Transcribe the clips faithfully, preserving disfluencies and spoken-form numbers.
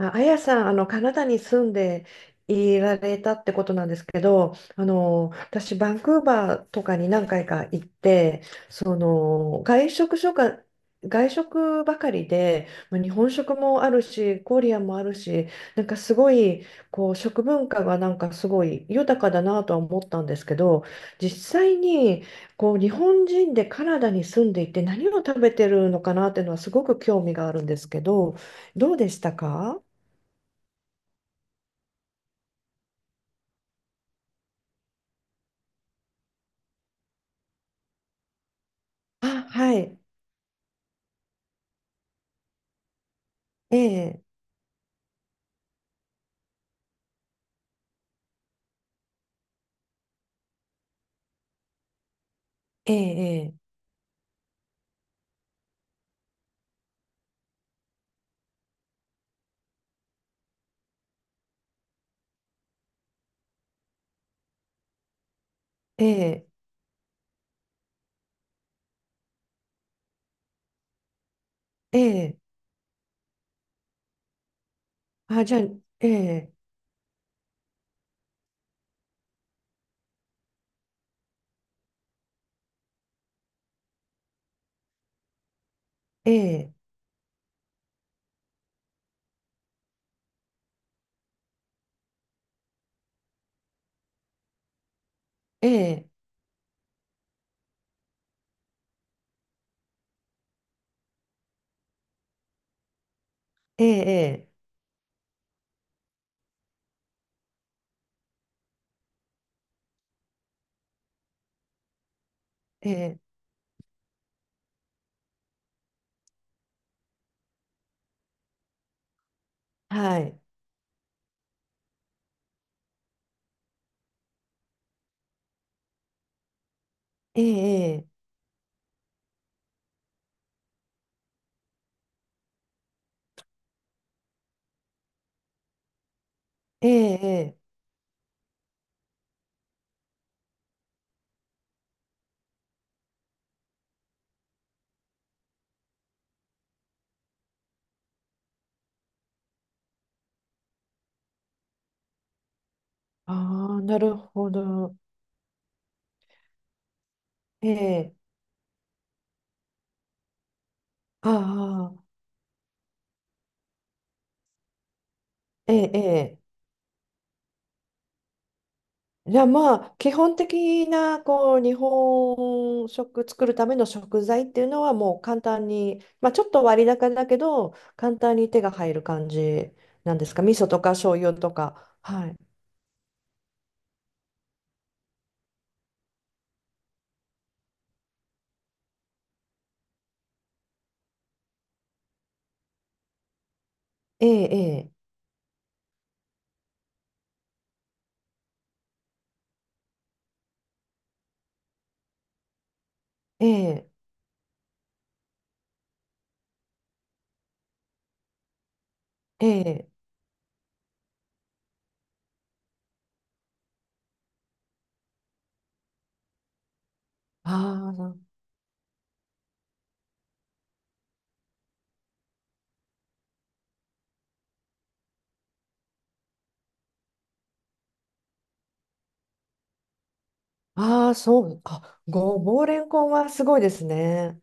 あ、あやさん、あの、カナダに住んでいられたってことなんですけど、あの、私、バンクーバーとかに何回か行って、その、外食所が、外食ばかりで、まあ日本食もあるし、コリアンもあるし、なんかすごい、こう、食文化がなんかすごい豊かだなとは思ったんですけど、実際に、こう、日本人でカナダに住んでいて何を食べてるのかなっていうのはすごく興味があるんですけど、どうでしたか？あ、はい。ええ、ええ、ええ、ええ、あ、じゃあ、ええ、ええ、ええ、ええ、ええ、はい。ええ、ええ、ええ、ああー、なるほど。ええ、ああ、ええ、ええ。じゃあまあ、基本的な、こう、日本食作るための食材っていうのはもう簡単に、まあ、ちょっと割高だけど、簡単に手が入る感じなんですか？味噌とか醤油とか。はい。ええ、ええ、ええ、ええ、ああ、ああ、そう、あ、ごぼうれんこんはすごいですね。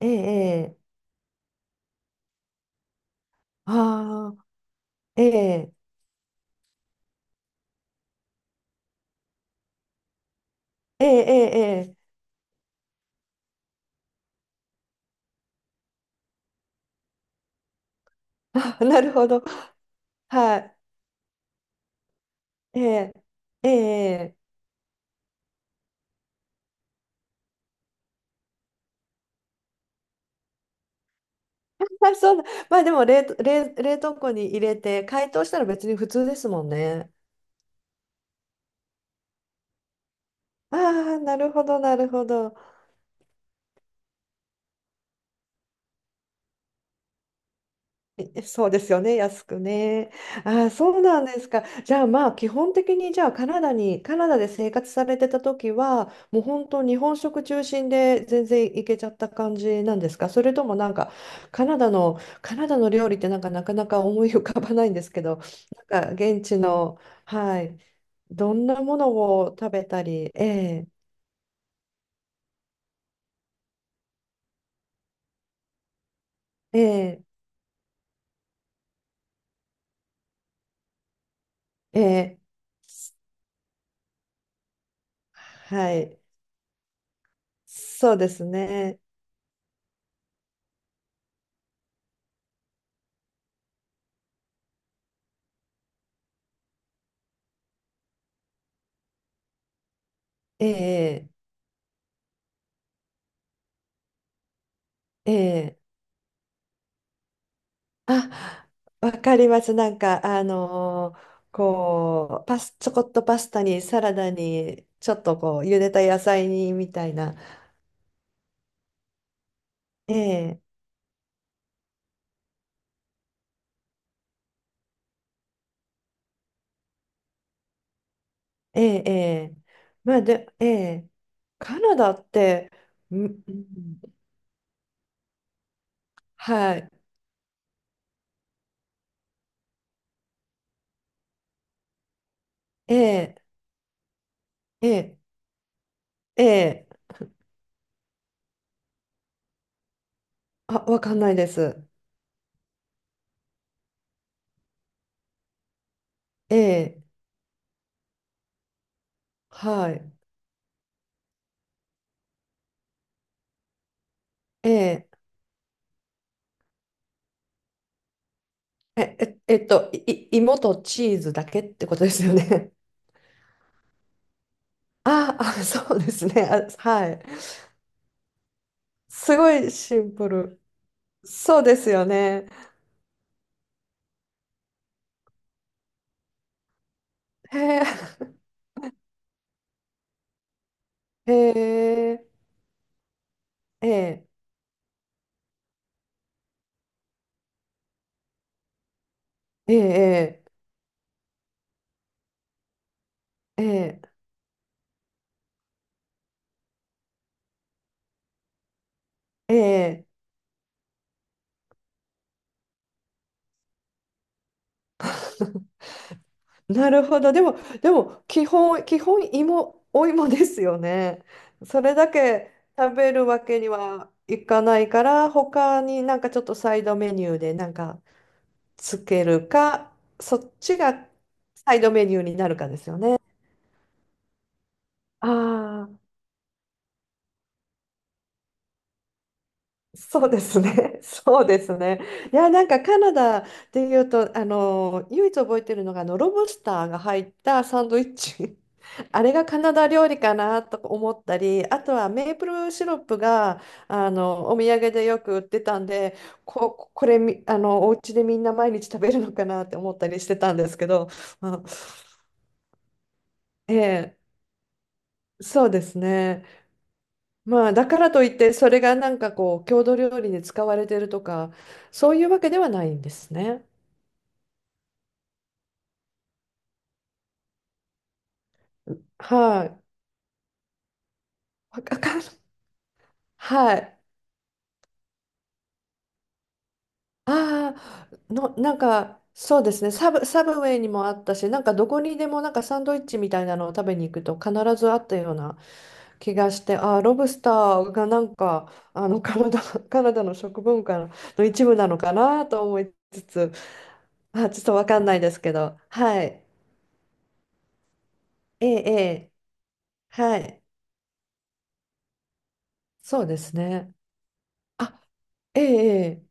ええ、ええ、ああ、ええ、ええ、ええ、ええ、あ、なるほど。はい、ええ、ええ、あ、そうだ。まあでも冷凍、冷、冷凍庫に入れて解凍したら別に普通ですもんね。ああ、なるほど、なるほど。え、そうですよね、安くね。ああ、そうなんですか。じゃあまあ基本的にじゃあカナダに、カナダで生活されてた時は、もう本当日本食中心で全然いけちゃった感じなんですか？それともなんかカナダの、カナダの料理ってなんかなかなか思い浮かばないんですけど、なんか現地の、はい、どんなものを食べたり、ええ、ええ、ええ、はい、そうですね、ええ、ええ。あ、わかります。なんか、あのーこう、パス、ちょこっとパスタに、サラダに、ちょっとこう、茹でた野菜に、みたいな。ええ、ええ、ええ。まあ、で、ええ、カナダって、ん、ん、はい、ええ、ええ、ええ、あ、わかんないです。ええ、はい、ええ、え、え、えっと、い、い芋とチーズだけってことですよね。ああ、そうですね。あ、はい。すごいシンプル。そうですよね。へえ、へえ、ええ、ええ、ええ、ええ、なるほど。でも、でも、基本、基本、芋、お芋ですよね。それだけ食べるわけにはいかないから、他になんかちょっとサイドメニューでなんかつけるか、そっちがサイドメニューになるかですよね。ああ。そうですね。そうですね。いや、なんかカナダっていうと、あの、唯一覚えてるのが、あの、ロブスターが入ったサンドイッチ。あれがカナダ料理かなとか思ったり、あとはメープルシロップが、あの、お土産でよく売ってたんで、こ、これみ、あの、お家でみんな毎日食べるのかなって思ったりしてたんですけど、まあ、ええ、そうですね。まあ、だからといって、それがなんかこう、郷土料理に使われてるとか、そういうわけではないんですね。はい。わかかる、はい。ああ、の、なんか、そうですね。サブ、サブウェイにもあったし、なんかどこにでもなんかサンドイッチみたいなのを食べに行くと必ずあったような気がして、ああ、ロブスターがなんか、あの、カナダ、カナダの食文化の一部なのかなと思いつつ、あ、ちょっとわかんないですけど、はい。ええ、ええ。はい。そうですね。あ、ええ、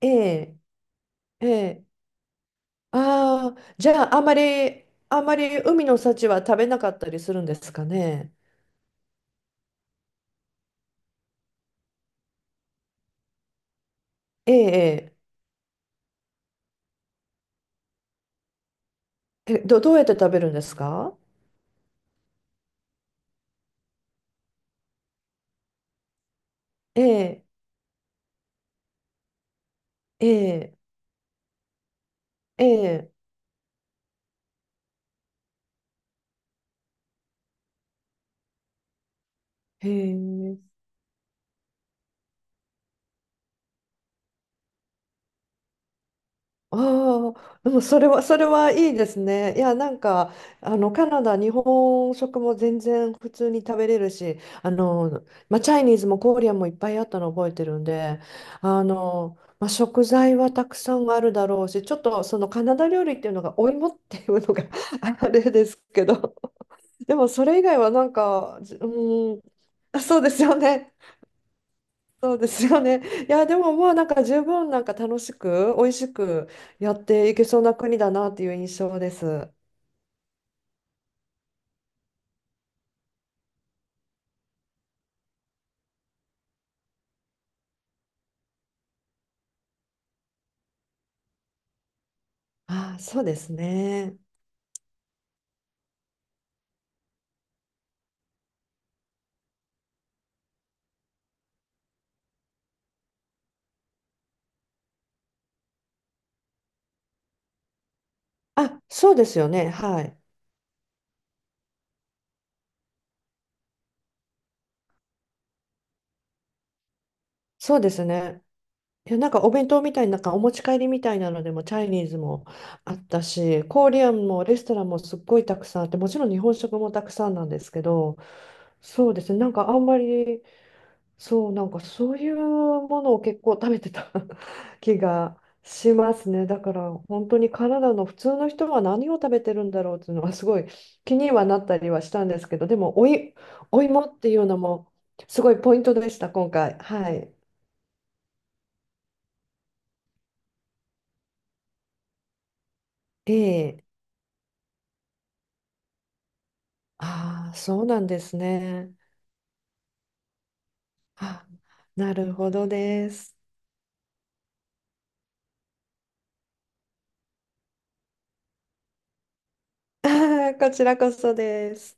ええ、ええ、ええ。ああ、じゃあ、あまり、あまり海の幸は食べなかったりするんですかね。ええ、ええ。え、ど、どうやって食べるんですか？ええ、ええ、ええ、へえ。ああ、でもそれは、それはいいですね。いや、なんか、あの、カナダ、日本食も全然普通に食べれるし、あの、まあ、チャイニーズもコーリアンもいっぱいあったの覚えてるんで、あの、まあ、食材はたくさんあるだろうし、ちょっとそのカナダ料理っていうのがお芋っていうのが あれですけど、でもそれ以外はなんか、じうん、あ、そうですよね。そうですよね。いや、でもまあなんか十分なんか楽しく、美味しくやっていけそうな国だなっていう印象です。あ、そうですね。あ、そうですよね。はい。そうですね。いや、なんかお弁当みたいななんかお持ち帰りみたいなのでもチャイニーズもあったし、コリアンもレストランもすっごいたくさんあって、もちろん日本食もたくさんなんですけど、そうですね。なんかあんまりそう、なんかそういうものを結構食べてた 気がしますね。だから本当にカナダの普通の人は何を食べてるんだろうっていうのはすごい気にはなったりはしたんですけど、でもおい、お芋っていうのもすごいポイントでした、今回。はい。ええ。ああ、そうなんですね。あ、なるほどです。こちらこそです。